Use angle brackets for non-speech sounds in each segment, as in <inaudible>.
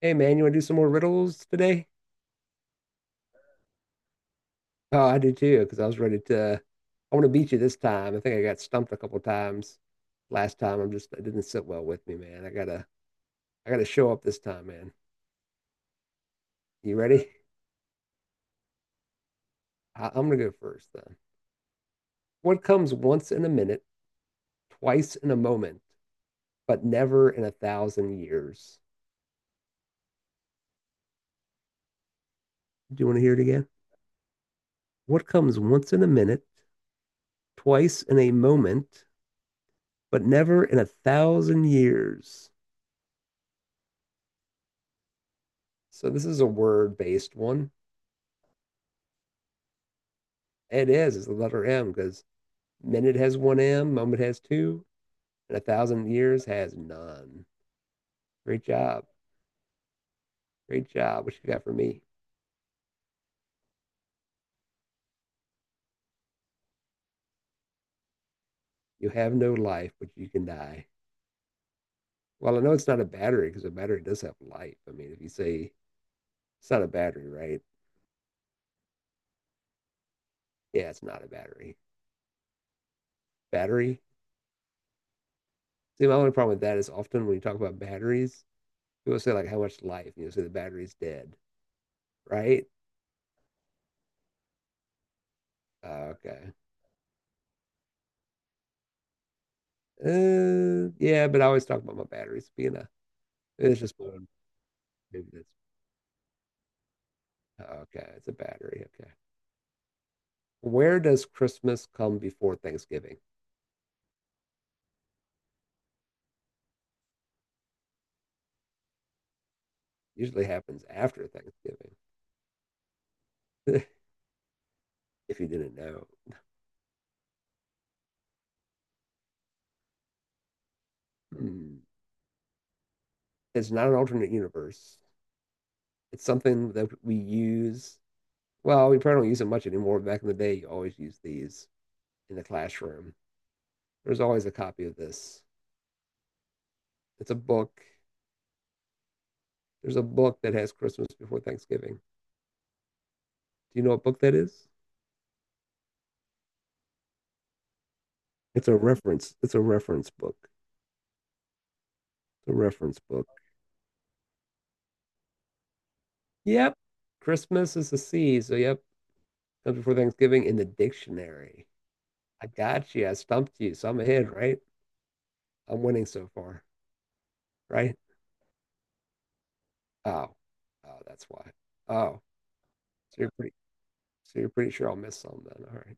Hey man, you want to do some more riddles today? Oh, I do too, because I was ready to. I want to beat you this time. I think I got stumped a couple times last time. I'm just it didn't sit well with me, man. I gotta show up this time, man. You ready? I'm gonna go first then. What comes once in a minute, twice in a moment, but never in a thousand years? Do you want to hear it again? What comes once in a minute, twice in a moment, but never in a thousand years? So this is a word-based one. It is. It's the letter M because minute has one M, moment has two, and a thousand years has none. Great job. Great job. What you got for me? You have no life, but you can die. Well, I know it's not a battery because a battery does have life. I mean, if you say it's not a battery, right? Yeah, it's not a battery. Battery. See, my only problem with that is often when you talk about batteries, people say like how much life, say the battery's dead, right? Okay. Yeah, but I always talk about my batteries being a. It's just maybe that's okay, it's a battery. Okay. Where does Christmas come before Thanksgiving? Usually happens after Thanksgiving, <laughs> if you didn't know. <clears throat> Hmm. It's not an alternate universe. It's something that we use. Well, we probably don't use it much anymore. Back in the day, you always used these in the classroom. There's always a copy of this. It's a book. There's a book that has Christmas before Thanksgiving. Do you know what book that is? It's a reference. It's a reference book. It's a reference book. Yep. Christmas is a C, so yep, just before Thanksgiving in the dictionary. I got you. I stumped you. So I'm ahead, right? I'm winning so far, right? Oh, oh, that's why. Oh, so you're pretty, so you're pretty sure I'll miss some then. All right.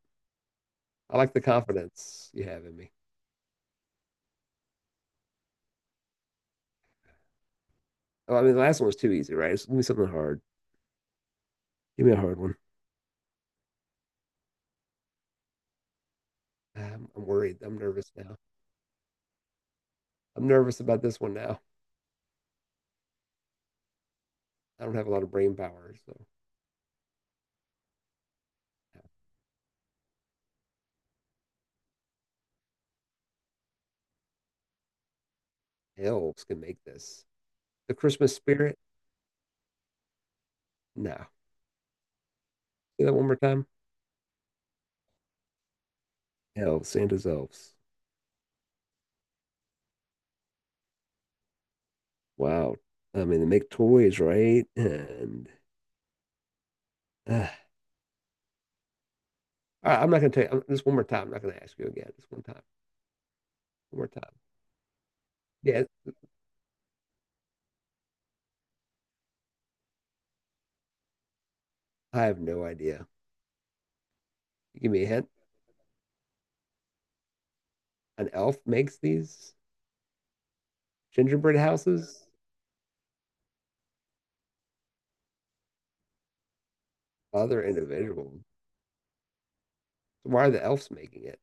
I like the confidence you have in me. Oh, I mean, the last one was too easy, right? So give me something hard. Give me a hard one. I'm worried. I'm nervous now. I'm nervous about this one now. I don't have a lot of brain power, so elves can make this. The Christmas spirit? No. Say that one more time. Elves, Santa's elves. Wow. I mean, they make toys, right? And uh, all right, I'm not going to tell you this one more time. I'm not going to ask you again. This one time. One more time. Yeah, I have no idea. You give me a hint. An elf makes these gingerbread houses? Other individual. Why are the elves making it?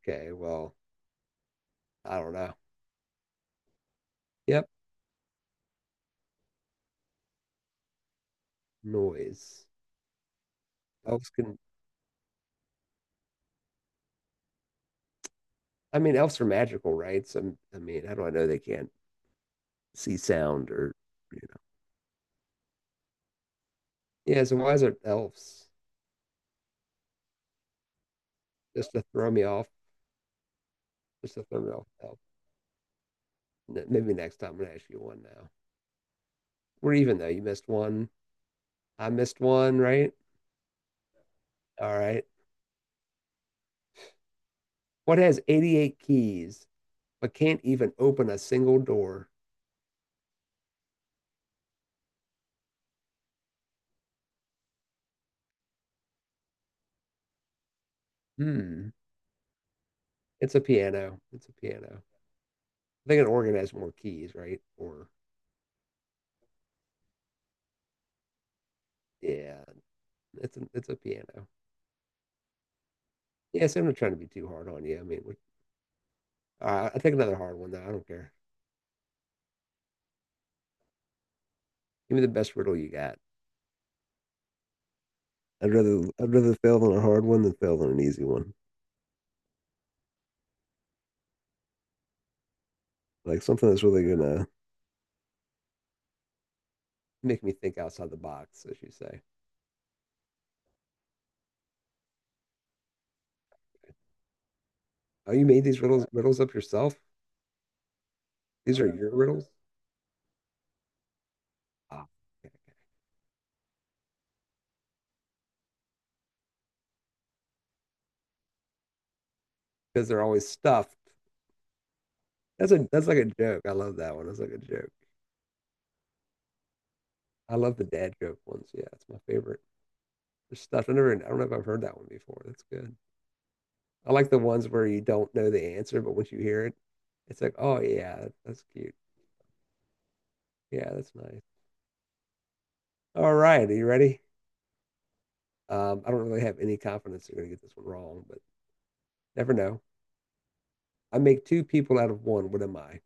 Okay, well, I don't know. Yep, noise. Elves can, I mean, elves are magical, right? So, I mean, how do I know they can't see sound or, you know? Yeah, so why is it elves? Just to throw me off. Just to throw me off. Elves. Maybe next time I'm gonna ask you one now. We're even though you missed one. I missed one, right? All right. What has 88 keys but can't even open a single door? Hmm. It's a piano. It's a piano. I think an organ has more keys, right? Or yeah, it's a piano. Yeah, so I'm not trying to be too hard on you. I mean, I take another hard one though. I don't care. Give me the best riddle you got. I'd rather fail on a hard one than fail on an easy one. Like something that's really gonna make me think outside the box, as you say. Oh, you made these riddles up yourself? These are your riddles? Because they're always stuffed. That's like a joke. I love that one. That's like a joke. I love the dad joke ones. Yeah, it's my favorite. They're stuffed. I don't know if I've heard that one before. That's good. I like the ones where you don't know the answer, but once you hear it, it's like, oh yeah, that's cute. Yeah, that's nice. All right, are you ready? I don't really have any confidence you're gonna get this one wrong, but never know. I make two people out of one. What am I?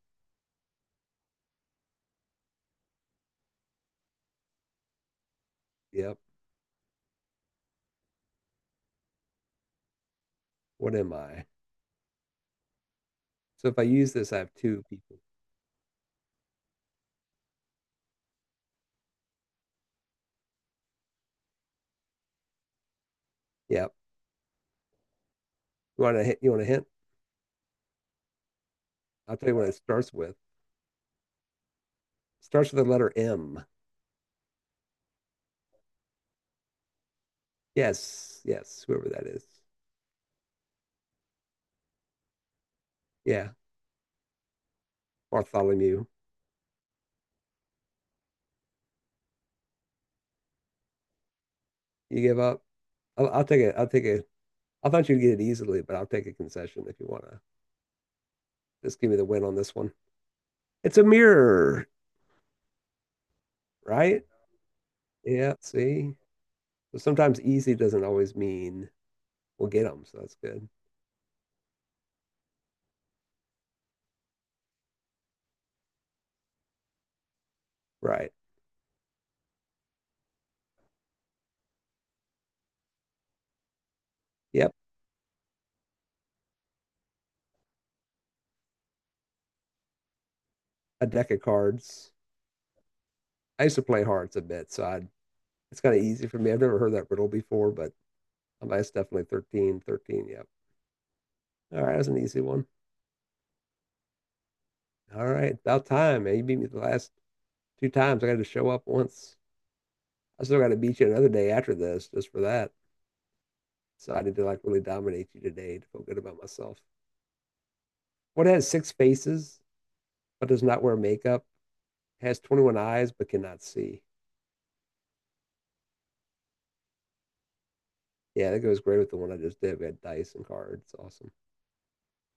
Yep. What am I? So if I use this, I have two people. Yep. You want a hint? You want a hint? I'll tell you what it starts with. It starts with the letter M. Yes, yes, whoever that is. Yeah, Bartholomew. You give up? I'll take it. I'll take it. I thought you'd get it easily, but I'll take a concession if you want to. Just give me the win on this one. It's a mirror, right? Yeah. See, so sometimes easy doesn't always mean we'll get them. So that's good, right? Yep. A deck of cards. I used to play hearts a bit, so I it's kind of easy for me. I've never heard that riddle before, but I'm definitely 13, 13. Yep. All right, that's an easy one. All right, about time, man. You beat me the last two times. I got to show up once. I still got to beat you another day after this, just for that. So I need to like really dominate you today to feel good about myself. What has six faces but does not wear makeup? Has 21 eyes but cannot see. Yeah, that goes great with the one I just did. We had dice and cards. It's awesome.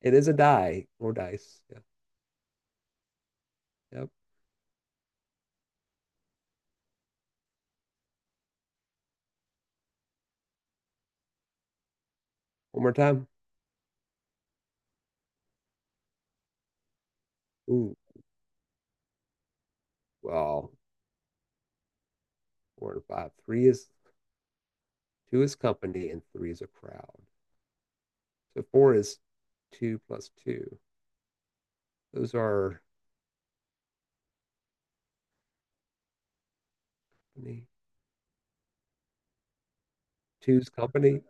It is a die or dice. Yeah. Yep. One more time. Ooh, well, four and five. Three is Two is company and three is a crowd. So four is two plus two. Those are Two's company.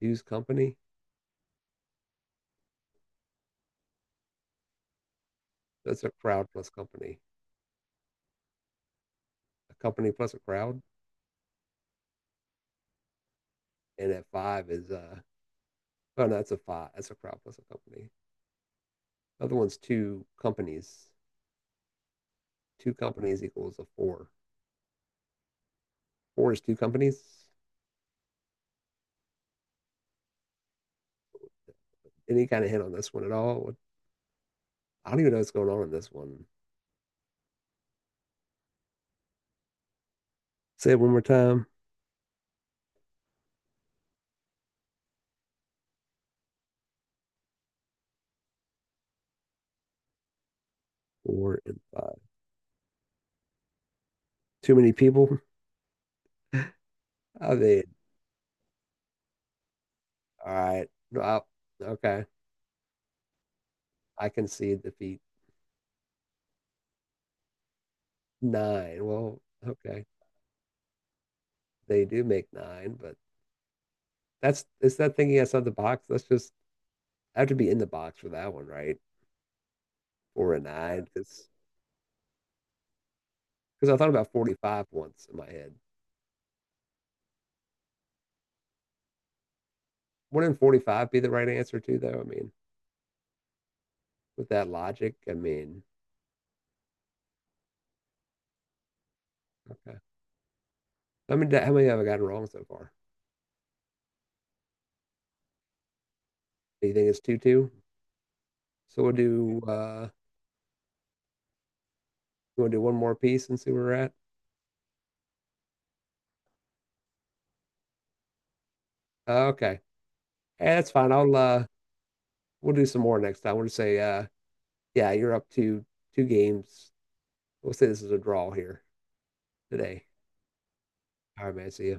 Two's company. That's a crowd plus company. A company plus a crowd. And at five is oh no, that's a five. That's a crowd plus a company. The other one's two companies. Two companies equals a four. Four is two companies. Any kind of hint on this one at all? I don't even know what's going on in this one. Say it one more time. Four and five. Too many people. I mean, all right. No, okay. I concede defeat. Nine. Well, okay. They do make nine, but that's it's that thinking outside the box. That's just I have to be in the box for that one, right? Or a nine, because I thought about 45 once in my head. Wouldn't 45 be the right answer too, though? I mean, with that logic, I mean, okay. I mean, how many have I gotten wrong so far? Do you think it's 2-2? So we'll do you want to do one more piece and see where we're at? Okay. Hey, that's fine. I'll we'll do some more next time. We'll just say yeah, you're up to two games. We'll say this is a draw here today. All right, man. See ya.